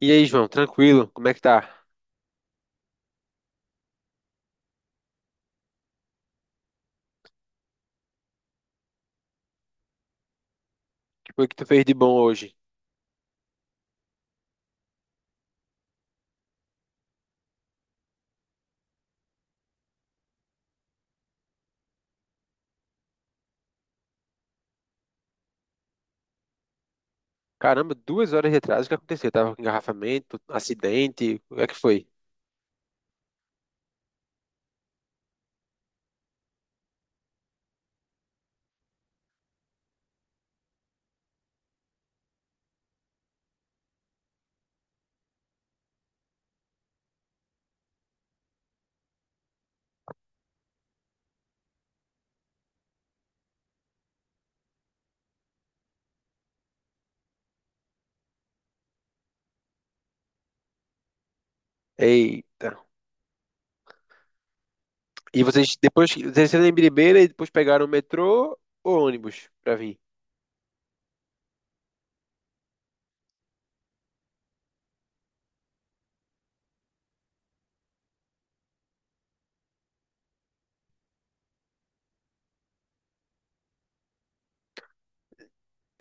E aí, João, tranquilo? Como é que tá? O que foi que tu fez de bom hoje? Caramba, duas horas de atraso, o que aconteceu? Tava com engarrafamento, acidente, o que é que foi? Eita. E vocês depois desceram em Biribeira e depois pegaram o metrô ou ônibus pra vir?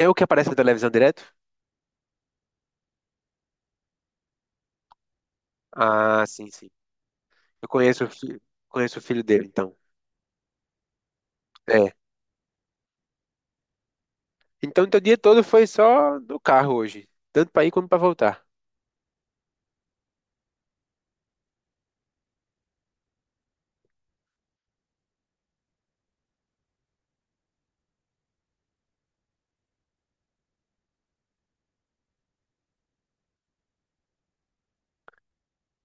É o que aparece na televisão direto? Ah, sim, sim. Eu conheço, conheço o filho dele, então. É. Então, teu dia todo foi só no carro hoje, tanto pra ir como pra voltar.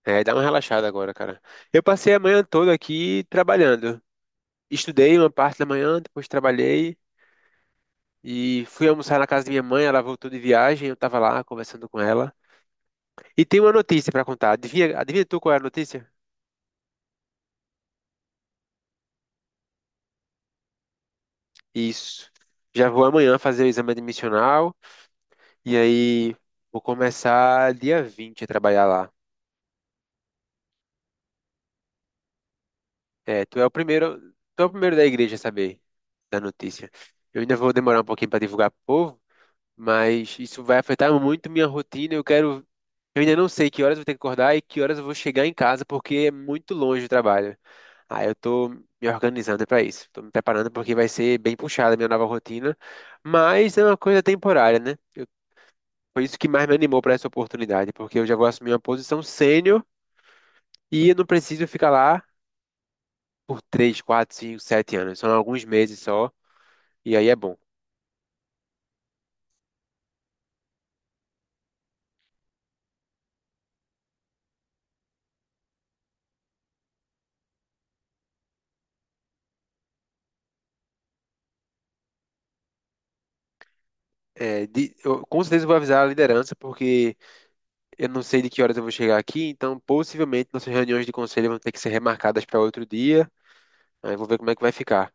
É, dá uma relaxada agora, cara. Eu passei a manhã toda aqui trabalhando. Estudei uma parte da manhã, depois trabalhei e fui almoçar na casa da minha mãe. Ela voltou de viagem, eu estava lá conversando com ela. E tem uma notícia para contar. Adivinha, adivinha tu qual é a notícia? Isso. Já vou amanhã fazer o exame admissional e aí vou começar dia 20 a trabalhar lá. É, tu é o primeiro, tu é o primeiro da igreja a saber da notícia. Eu ainda vou demorar um pouquinho para divulgar pro povo, mas isso vai afetar muito minha rotina. Eu quero. Eu ainda não sei que horas eu vou ter que acordar e que horas eu vou chegar em casa, porque é muito longe o trabalho. Aí eu tô me organizando para isso. Tô me preparando porque vai ser bem puxada a minha nova rotina. Mas é uma coisa temporária, né? Foi isso que mais me animou para essa oportunidade, porque eu já vou assumir uma posição sênior e eu não preciso ficar lá por 3, 4, 5, 7 anos. São alguns meses só, e aí é bom. É, eu, com certeza eu vou avisar a liderança, porque. Eu não sei de que horas eu vou chegar aqui, então possivelmente nossas reuniões de conselho vão ter que ser remarcadas para outro dia. Aí vou ver como é que vai ficar.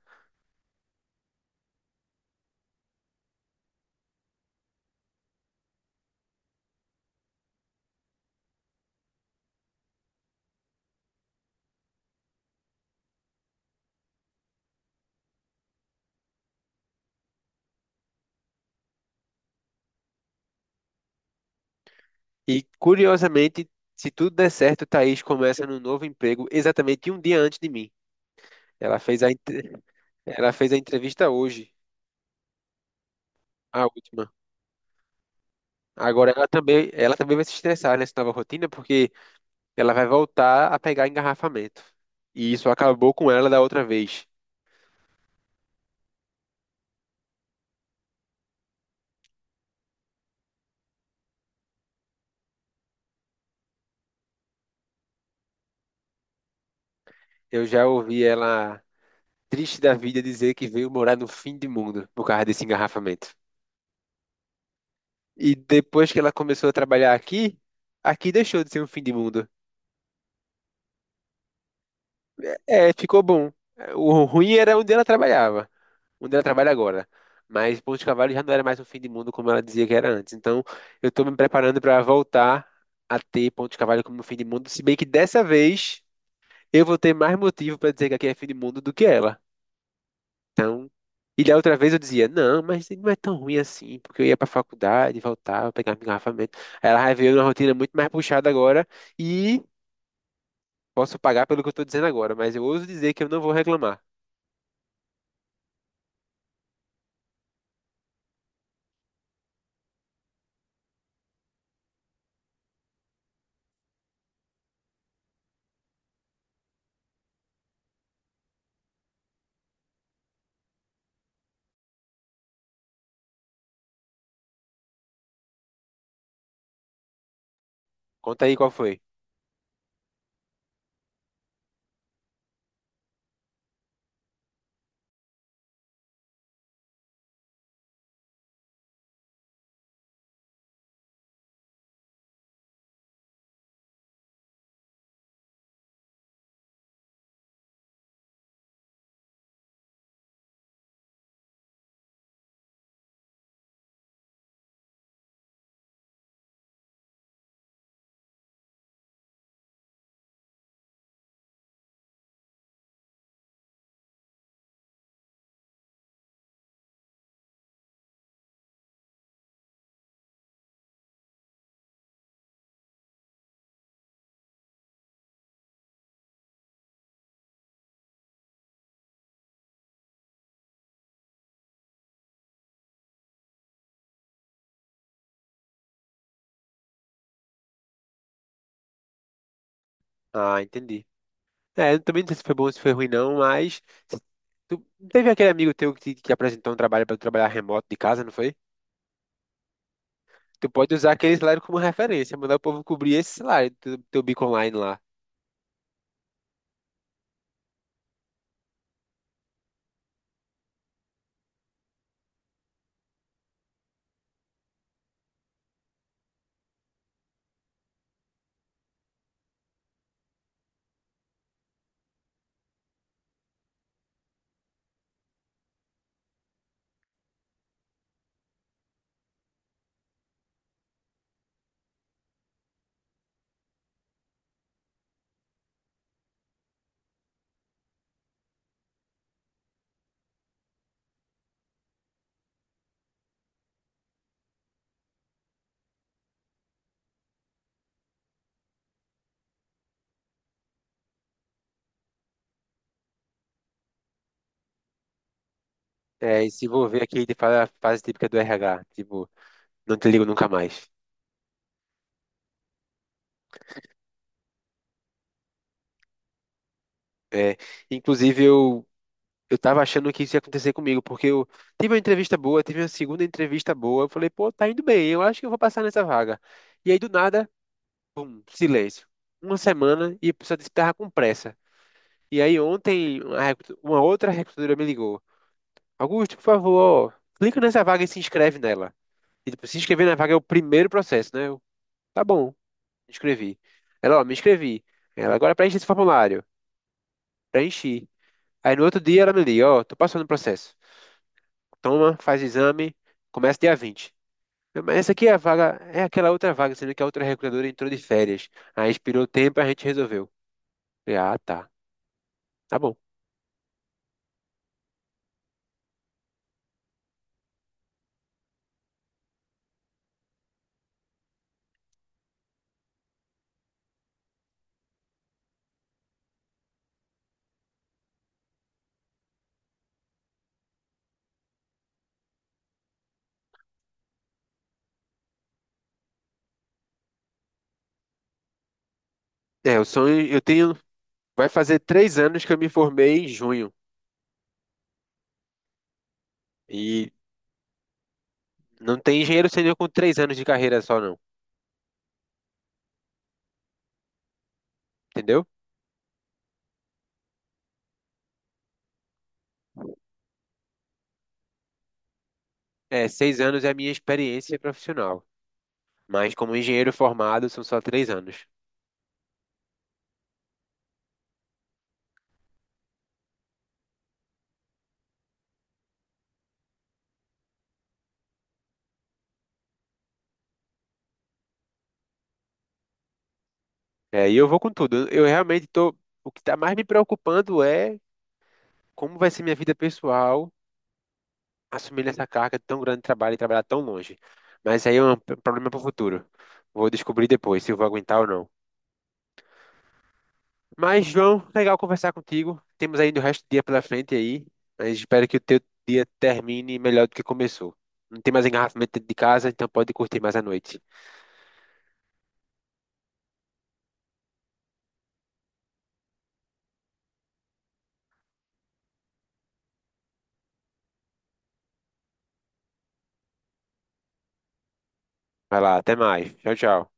E curiosamente, se tudo der certo, Thaís começa no novo emprego exatamente um dia antes de mim. Ela fez a, entre- Ela fez a entrevista hoje, a última. Agora ela também vai se estressar nessa nova rotina porque ela vai voltar a pegar engarrafamento. E isso acabou com ela da outra vez. Eu já ouvi ela triste da vida dizer que veio morar no fim do mundo por causa desse engarrafamento. E depois que ela começou a trabalhar aqui, aqui deixou de ser um fim de mundo. É, ficou bom. O ruim era onde ela trabalhava, onde ela trabalha agora. Mas Ponte Cavalho já não era mais um fim de mundo como ela dizia que era antes. Então, eu estou me preparando para voltar a ter Ponte Cavalho como um fim de mundo, se bem que dessa vez eu vou ter mais motivo para dizer que aqui é fim de mundo do que ela. Então, e da outra vez eu dizia, não, mas não é tão ruim assim, porque eu ia para a faculdade, voltava, pegava engarrafamento. Aí ela vai ver uma rotina muito mais puxada agora. E posso pagar pelo que eu tô dizendo agora, mas eu ouso dizer que eu não vou reclamar. Conta aí qual foi. Ah, entendi. É, eu também não sei se foi bom ou se foi ruim, não, mas. Tu não teve aquele amigo teu que apresentou um trabalho para trabalhar remoto de casa, não foi? Tu pode usar aquele salário como referência, mandar o povo cobrir esse salário do teu bico online lá. É, e se envolver aqui de fase típica do RH, tipo, não te ligo nunca mais. É, inclusive, eu tava achando que isso ia acontecer comigo, porque eu tive uma entrevista boa, tive uma segunda entrevista boa. Eu falei, pô, tá indo bem, eu acho que eu vou passar nessa vaga. E aí, do nada, pum, silêncio. Uma semana e a pessoa disse que tava com pressa. E aí, ontem, uma outra recrutadora me ligou: Augusto, por favor, clica nessa vaga e se inscreve nela. E tipo, se inscrever na vaga é o primeiro processo, né? Eu, tá bom, me inscrevi. Ela, ó, me inscrevi. Ela, agora preenche esse formulário. Preenchi. Aí, no outro dia, ela me liga: ó, tô passando o processo. Toma, faz exame, começa dia 20. Eu, mas essa aqui é a vaga, é aquela outra vaga, sendo que a outra recrutadora entrou de férias. Aí expirou o tempo, a gente resolveu. Falei, ah, tá, tá bom. É, o sonho, eu tenho, vai fazer 3 anos que eu me formei em junho. E não tem engenheiro sênior com 3 anos de carreira só, não, entendeu? É, 6 anos é a minha experiência profissional. Mas como engenheiro formado, são só 3 anos. É, e eu vou com tudo. Eu realmente tô. O que tá mais me preocupando é como vai ser minha vida pessoal assumindo essa carga tão grande de trabalho e trabalhar tão longe. Mas aí é um problema para o futuro. Vou descobrir depois se eu vou aguentar ou não. Mas, João, legal conversar contigo. Temos ainda o resto do dia pela frente aí. Mas espero que o teu dia termine melhor do que começou. Não tem mais engarrafamento dentro de casa, então pode curtir mais a noite. Vai lá, até mais. Tchau, tchau.